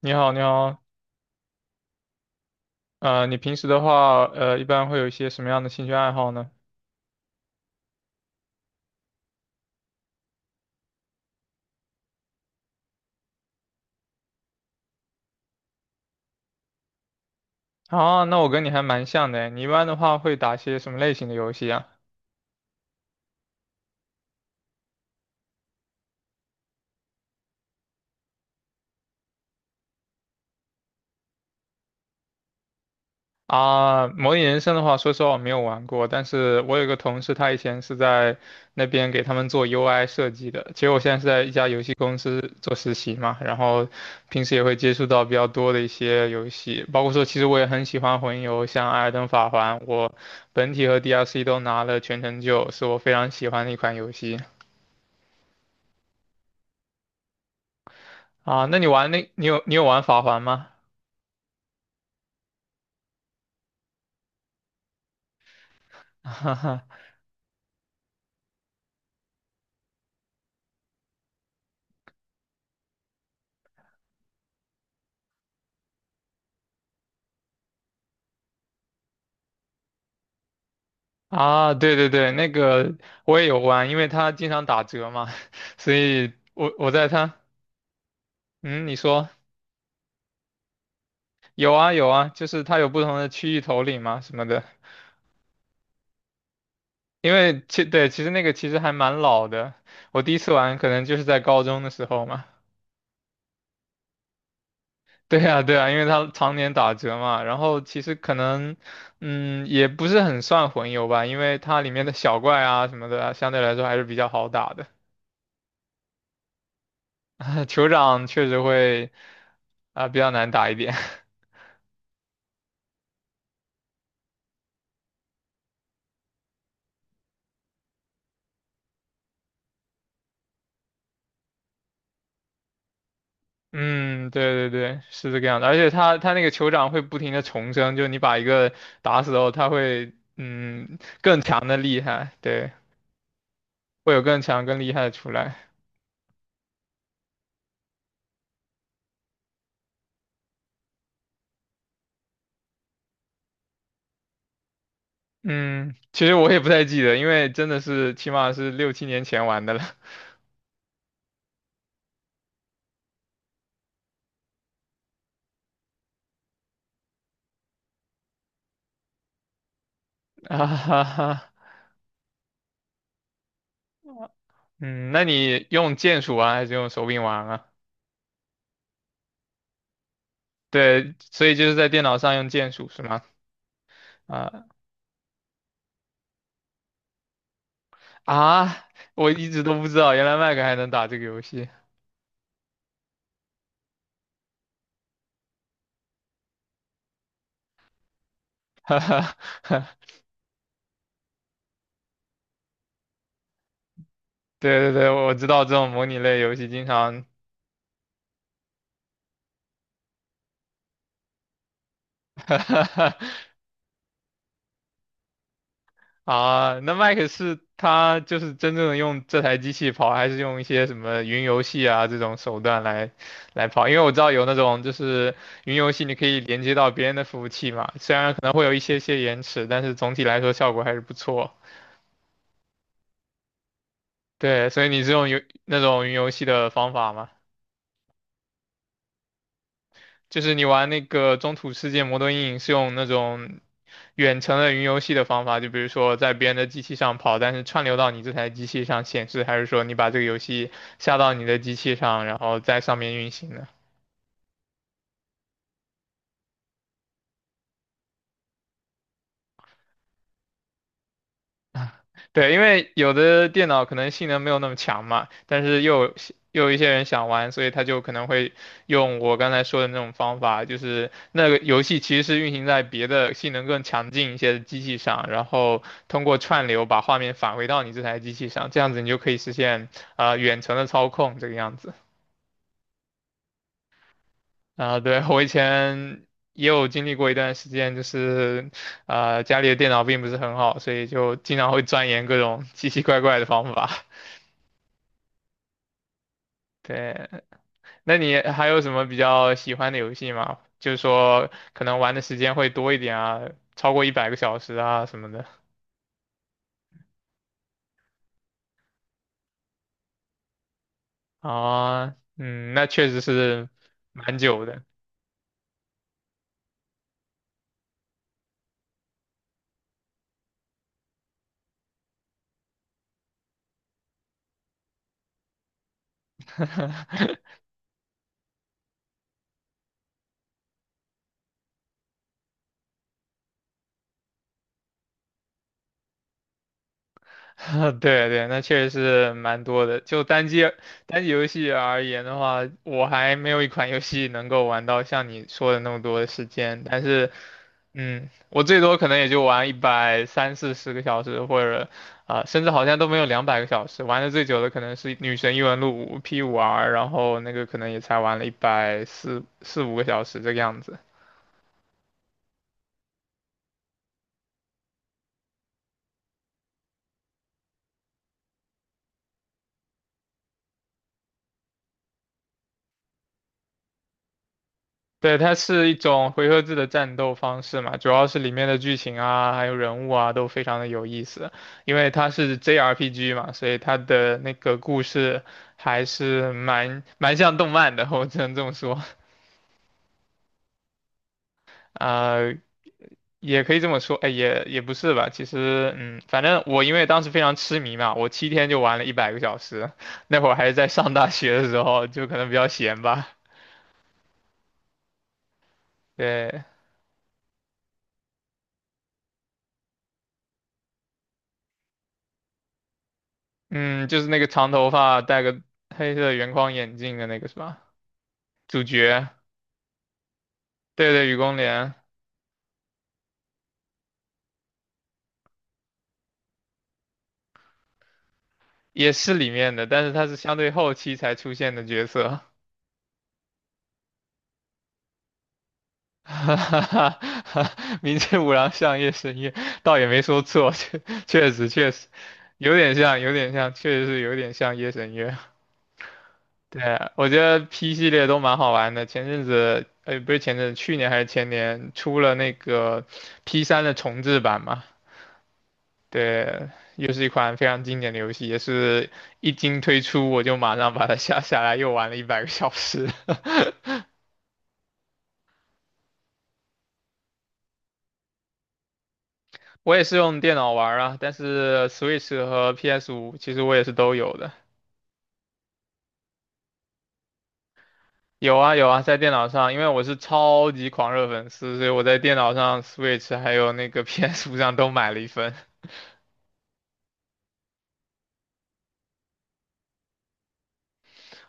你好，你好，你平时的话，一般会有一些什么样的兴趣爱好呢？啊，那我跟你还蛮像的诶，你一般的话会打些什么类型的游戏啊？啊，模拟人生的话，说实话我没有玩过，但是我有个同事，他以前是在那边给他们做 UI 设计的。其实我现在是在一家游戏公司做实习嘛，然后平时也会接触到比较多的一些游戏，包括说其实我也很喜欢魂游，像《艾尔登法环》，我本体和 DLC 都拿了全成就，是我非常喜欢的一款游戏。啊，那你有玩法环吗？啊，对对对，那个我也有玩，因为它经常打折嘛，所以我在它，嗯，你说有啊有啊，就是它有不同的区域头领嘛什么的，因为其实那个其实还蛮老的，我第一次玩可能就是在高中的时候嘛。对啊，对啊，因为它常年打折嘛，然后其实可能，也不是很算混游吧，因为它里面的小怪啊什么的啊，相对来说还是比较好打的。酋长确实会啊、比较难打一点。嗯，对对对，是这个样子。而且他那个酋长会不停的重生，就你把一个打死后，他会更强的厉害，对，会有更强更厉害的出来。嗯，其实我也不太记得，因为真的是起码是六七年前玩的了。哈哈哈，嗯，那你用键鼠玩还是用手柄玩啊？对，所以就是在电脑上用键鼠是吗？啊啊，我一直都不知道原来 Mac 还能打这个游戏。哈哈，对对对，我知道这种模拟类游戏经常 啊，那 Mac 是他就是真正的用这台机器跑，还是用一些什么云游戏啊这种手段来跑？因为我知道有那种就是云游戏，你可以连接到别人的服务器嘛，虽然可能会有一些些延迟，但是总体来说效果还是不错。对，所以你是用那种云游戏的方法吗？就是你玩那个《中土世界魔盾印》是用那种远程的云游戏的方法，就比如说在别人的机器上跑，但是串流到你这台机器上显示，还是说你把这个游戏下到你的机器上，然后在上面运行呢？对，因为有的电脑可能性能没有那么强嘛，但是又有一些人想玩，所以他就可能会用我刚才说的那种方法，就是那个游戏其实是运行在别的性能更强劲一些的机器上，然后通过串流把画面返回到你这台机器上，这样子你就可以实现远程的操控这个样子。啊、对，我以前也有经历过一段时间，就是家里的电脑并不是很好，所以就经常会钻研各种 奇奇怪怪的方法。对，那你还有什么比较喜欢的游戏吗？就是说可能玩的时间会多一点啊，超过一百个小时啊什么的啊，那确实是蛮久的。对对，那确实是蛮多的。就单机游戏而言的话，我还没有一款游戏能够玩到像你说的那么多的时间。但是我最多可能也就玩一百三四十个小时，或者啊、甚至好像都没有200个小时。玩的最久的可能是《女神异闻录五》P5R，然后那个可能也才玩了一百四四五个小时这个样子。对，它是一种回合制的战斗方式嘛，主要是里面的剧情啊，还有人物啊，都非常的有意思。因为它是 JRPG 嘛，所以它的那个故事还是蛮像动漫的，我只能这么说。啊、也可以这么说，哎，也不是吧。其实，反正我因为当时非常痴迷嘛，我7天就玩了一百个小时。那会儿还是在上大学的时候，就可能比较闲吧。对，嗯，就是那个长头发、戴个黑色圆框眼镜的那个是吧？主角，对对，雨宫莲也是里面的，但是他是相对后期才出现的角色。哈哈哈哈，明知无像相夜神月，倒也没说错，确实有点像，有点像，确实是有点像夜神月。对，我觉得 P 系列都蛮好玩的。前阵子，不是前阵子，去年还是前年出了那个 P3的重制版嘛？对，又是一款非常经典的游戏，也是一经推出我就马上把它下下来，又玩了一百个小时。我也是用电脑玩啊，但是 Switch 和 PS5其实我也是都有的。有啊有啊，在电脑上，因为我是超级狂热粉丝，所以我在电脑上 Switch 还有那个 PS5上都买了一份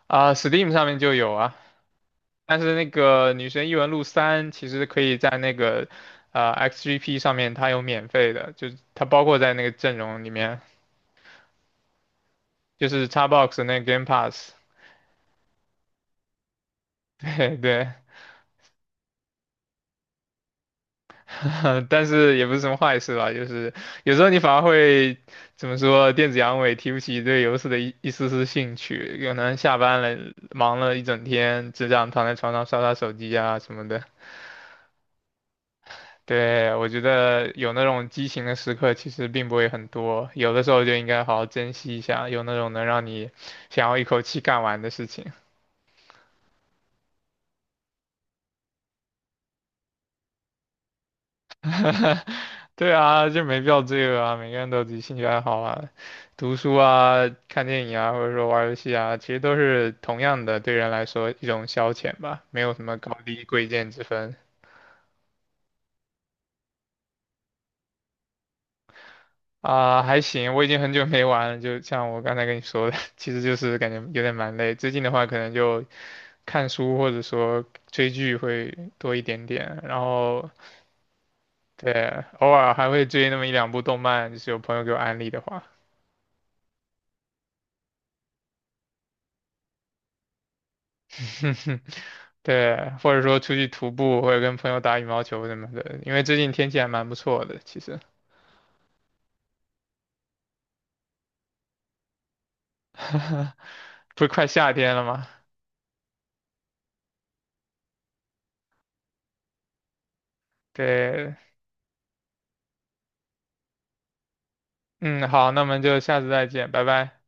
啊，Steam 上面就有啊。但是那个《女神异闻录三》其实可以在那个XGP 上面，它有免费的，就它包括在那个阵容里面，就是 Xbox 的那个 Game Pass。对对，但是也不是什么坏事吧，就是有时候你反而会怎么说，电子阳痿提不起对游戏的一丝丝兴趣，可能下班了忙了一整天，只想躺在床上刷刷手机啊什么的。对，我觉得有那种激情的时刻其实并不会很多，有的时候就应该好好珍惜一下，有那种能让你想要一口气干完的事情。对啊，就没必要罪恶啊，每个人都有自己兴趣爱好啊，读书啊、看电影啊，或者说玩儿游戏啊，其实都是同样的，对人来说一种消遣吧，没有什么高低贵贱之分啊。还行，我已经很久没玩了，就像我刚才跟你说的，其实就是感觉有点蛮累。最近的话，可能就看书或者说追剧会多一点点，然后对，偶尔还会追那么一两部动漫，就是有朋友给我安利的话。对，或者说出去徒步，或者跟朋友打羽毛球什么的，因为最近天气还蛮不错的，其实，不是快夏天了吗？对，嗯，好，那我们就下次再见，拜拜。